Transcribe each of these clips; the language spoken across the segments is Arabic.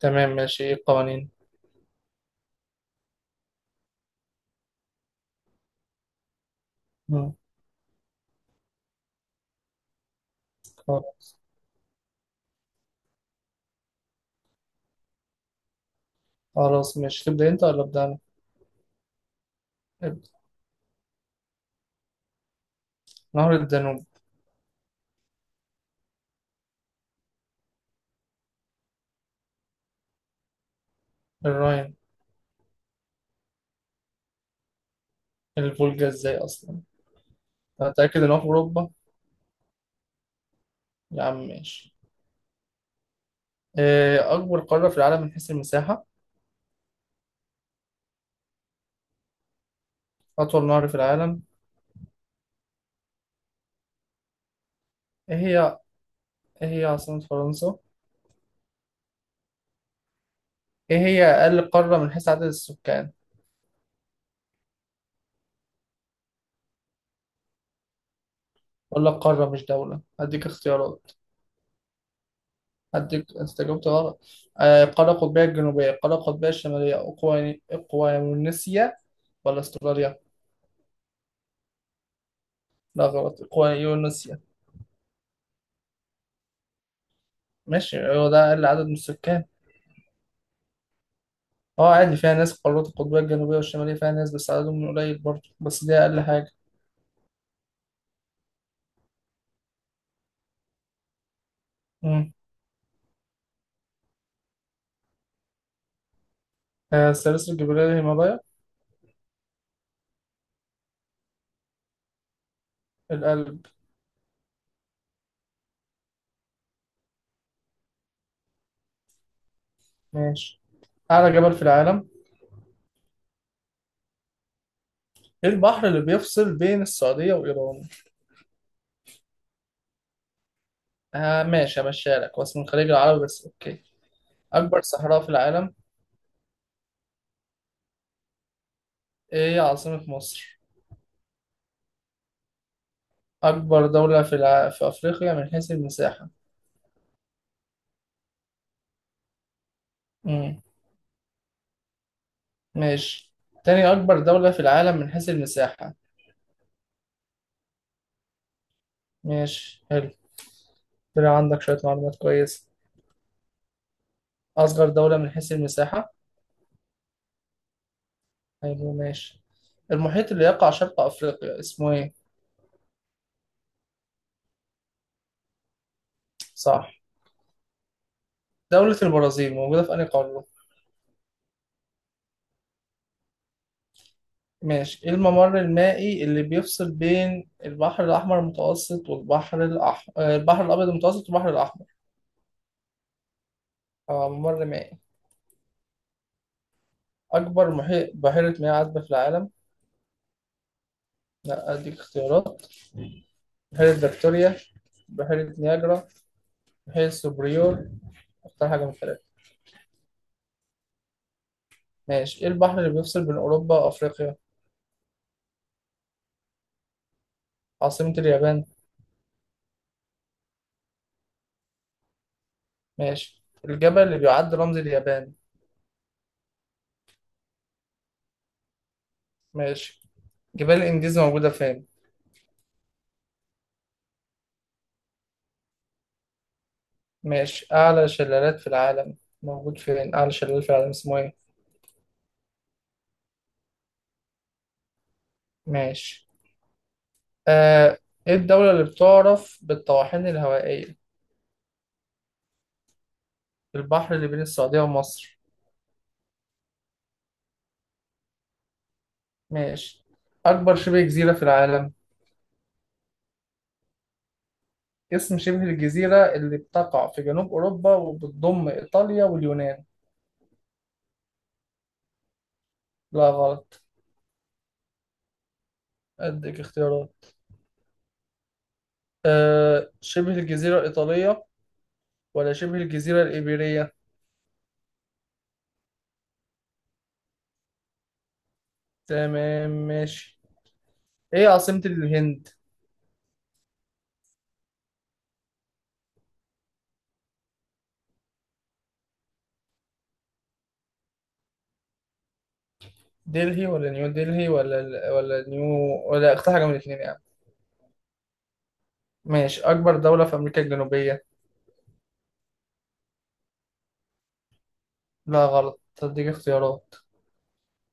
تمام ماشي، ايه القوانين؟ مم. خلاص ماشي، تبدأ انت ولا أبدأ أنا؟ ابدأ. نهر الدانوب. الراين. الفولجا ازاي أصلا؟ أتأكد إن هو في أوروبا. يا عم ماشي. إيه أكبر قارة في العالم من حيث المساحة؟ أطول نهر في العالم؟ إيه هي، إيه هي عاصمة فرنسا؟ إيه هي أقل قارة من حيث عدد السكان؟ ولا قارة مش دولة، هديك اختيارات. هديك، أنت جاوبت غلط. آه، القارة القطبية الجنوبية، القارة القطبية الشمالية، إقوانيسيا، ولا أستراليا؟ لا غلط، إقوانيسيا. ماشي، هو ده أقل عدد من السكان. أه عادي، فيها ناس، القارات القطبية الجنوبية والشمالية فيها ناس بس عددهم قليل برضه، بس دي أقل حاجة. مم. آه، السلاسل الجبلية الهيمالايا. القلب. ماشي. أعلى جبل في العالم؟ إيه البحر اللي بيفصل بين السعودية وإيران؟ آه ماشي، همشيها لك، هو اسمه الخليج العربي بس أوكي. أكبر صحراء في العالم؟ إيه عاصمة مصر؟ أكبر دولة في في أفريقيا من حيث المساحة؟ مم. ماشي. تاني أكبر دولة في العالم من حيث المساحة؟ ماشي حلو، طلع عندك شوية معلومات كويسة. أصغر دولة من حيث المساحة؟ حلو ماشي. المحيط اللي يقع شرق أفريقيا اسمه إيه؟ صح. دولة البرازيل موجودة في أنهي قارة؟ ماشي. إيه الممر المائي اللي بيفصل بين البحر الأحمر المتوسط والبحر الأحمر، البحر الأبيض المتوسط والبحر الأحمر؟ آه، ممر مائي. أكبر محيط بحيرة مياه عذبة في العالم؟ لا، أديك اختيارات. بحيرة فيكتوريا، بحيرة نياجرا، بحيرة سوبريور. اختار حاجة من الثلاثة. ماشي. إيه البحر اللي بيفصل بين أوروبا وأفريقيا؟ عاصمة اليابان؟ ماشي. الجبل اللي بيعد رمز اليابان؟ ماشي. جبال الإنجاز موجودة فين؟ ماشي. أعلى شلالات في العالم، موجود فين أعلى شلال في العالم، اسمه إيه؟ ماشي. آه إيه الدولة اللي بتعرف بالطواحين الهوائية؟ البحر اللي بين السعودية ومصر؟ ماشي. أكبر شبه جزيرة في العالم؟ اسم شبه الجزيرة اللي بتقع في جنوب أوروبا وبتضم إيطاليا واليونان؟ لا غلط، أديك اختيارات. أه، شبه الجزيرة الإيطالية، ولا شبه الجزيرة الإيبيرية؟ تمام ماشي. إيه عاصمة الهند؟ دلهي ولا نيو دلهي، ولا نيو، ولا اختار حاجة من الاتنين يعني. ماشي. أكبر دولة في أمريكا الجنوبية؟ لا غلط، أديك اختيارات.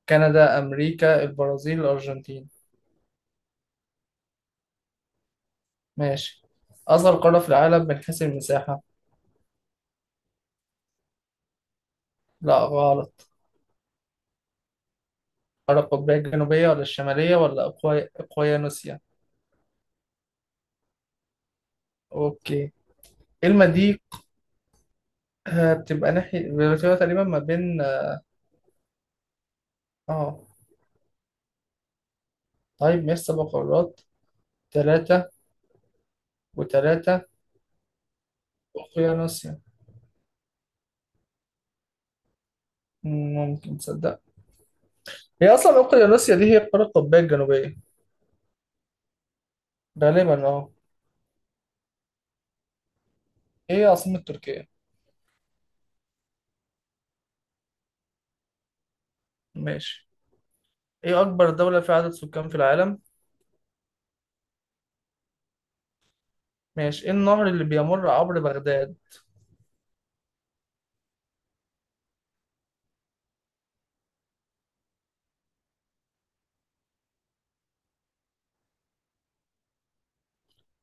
كندا، أمريكا، البرازيل، الأرجنتين. ماشي. أصغر قارة في العالم من حيث المساحة؟ لا غلط. القارة القطبية الجنوبية ولا الشمالية ولا أقويانوسيا؟ أوكي. الما دي، آه، بتبقى ناحية، بتبقى تقريبا ما بين. آه. طيب ماشي، سبع قارات. تلاتة وتلاتة. أقويانوسيا. مم، ممكن تصدق. هي أصلا أقويانوسيا دي هي القارة القطبية الجنوبية. غالبا أه. إيه عاصمة تركيا؟ ماشي. إيه أكبر دولة فيها عدد سكان في العالم؟ ماشي. إيه النهر اللي بيمر عبر بغداد؟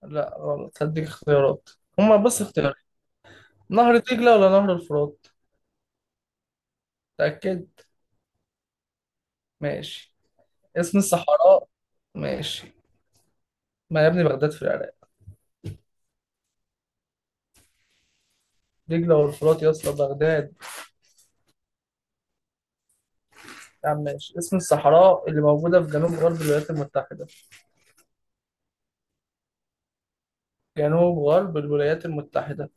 لا غلط، هديك اختيارات. هما بس اختيارات. نهر دجلة ولا نهر الفرات؟ تأكد. ماشي. اسم الصحراء. ماشي. ما يا ابني بغداد في العراق. دجلة والفرات يا اسطى بغداد. يا عم ماشي. اسم الصحراء اللي موجودة في جنوب غرب الولايات المتحدة؟ جنوب غرب الولايات المتحدة.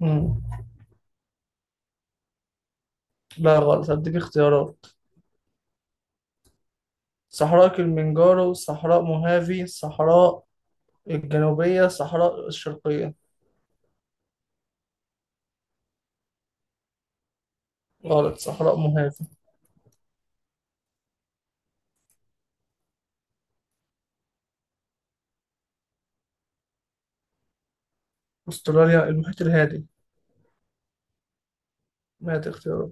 مم. لا غلط، هديك اختيارات. صحراء كلمنجارو، صحراء موهافي، صحراء الجنوبية، صحراء الشرقية. غلط، صحراء موهافي. أستراليا المحيط الهادي. ما هي اختيارات.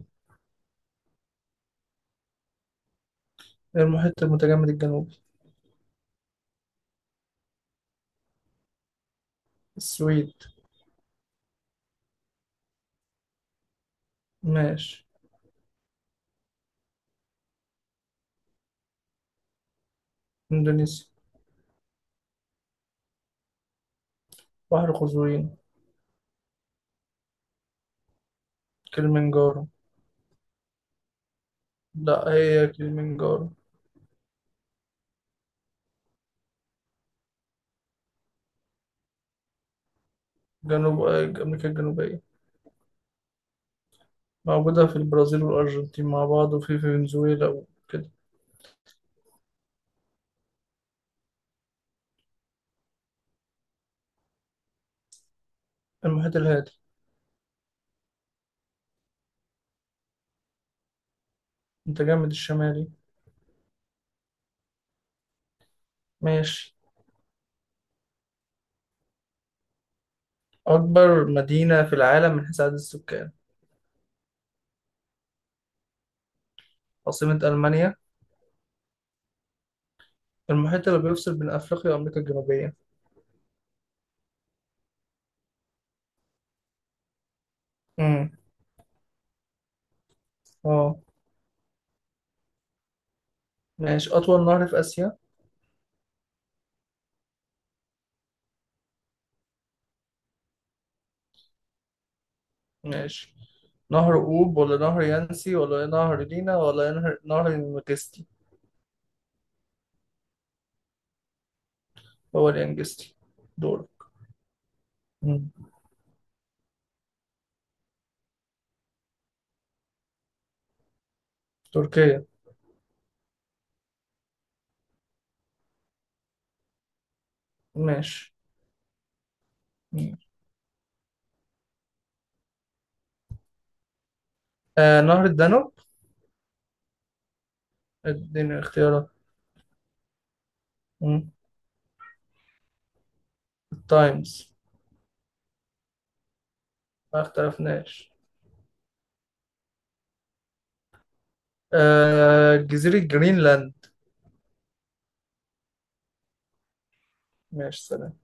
المحيط المتجمد الجنوبي. السويد. ماشي. إندونيسيا. بحر قزوين. كليمنجارو. لا هي كليمنجارو. جنوب أمريكا الجنوبية. موجودة في البرازيل والأرجنتين مع بعض وفي فنزويلا وكده. المحيط الهادي. متجمد الشمالي. ماشي. أكبر مدينة في العالم من حيث عدد السكان؟ عاصمة ألمانيا؟ المحيط اللي بيفصل بين أفريقيا وأمريكا الجنوبية؟ امم. اه. ماشي. أطول نهر في آسيا؟ ماشي. نهر أوب ولا نهر يانسي ولا نهر لينا ولا نهر الينجستي؟ هو اليانجستي. دول. مم. تركيا. ماشي. ماشي. آه، نهر الدانوب. اديني اختيارات. مم. التايمز. ما اختلفناش. آه، جزيرة جرينلاند. ماشي، سلام.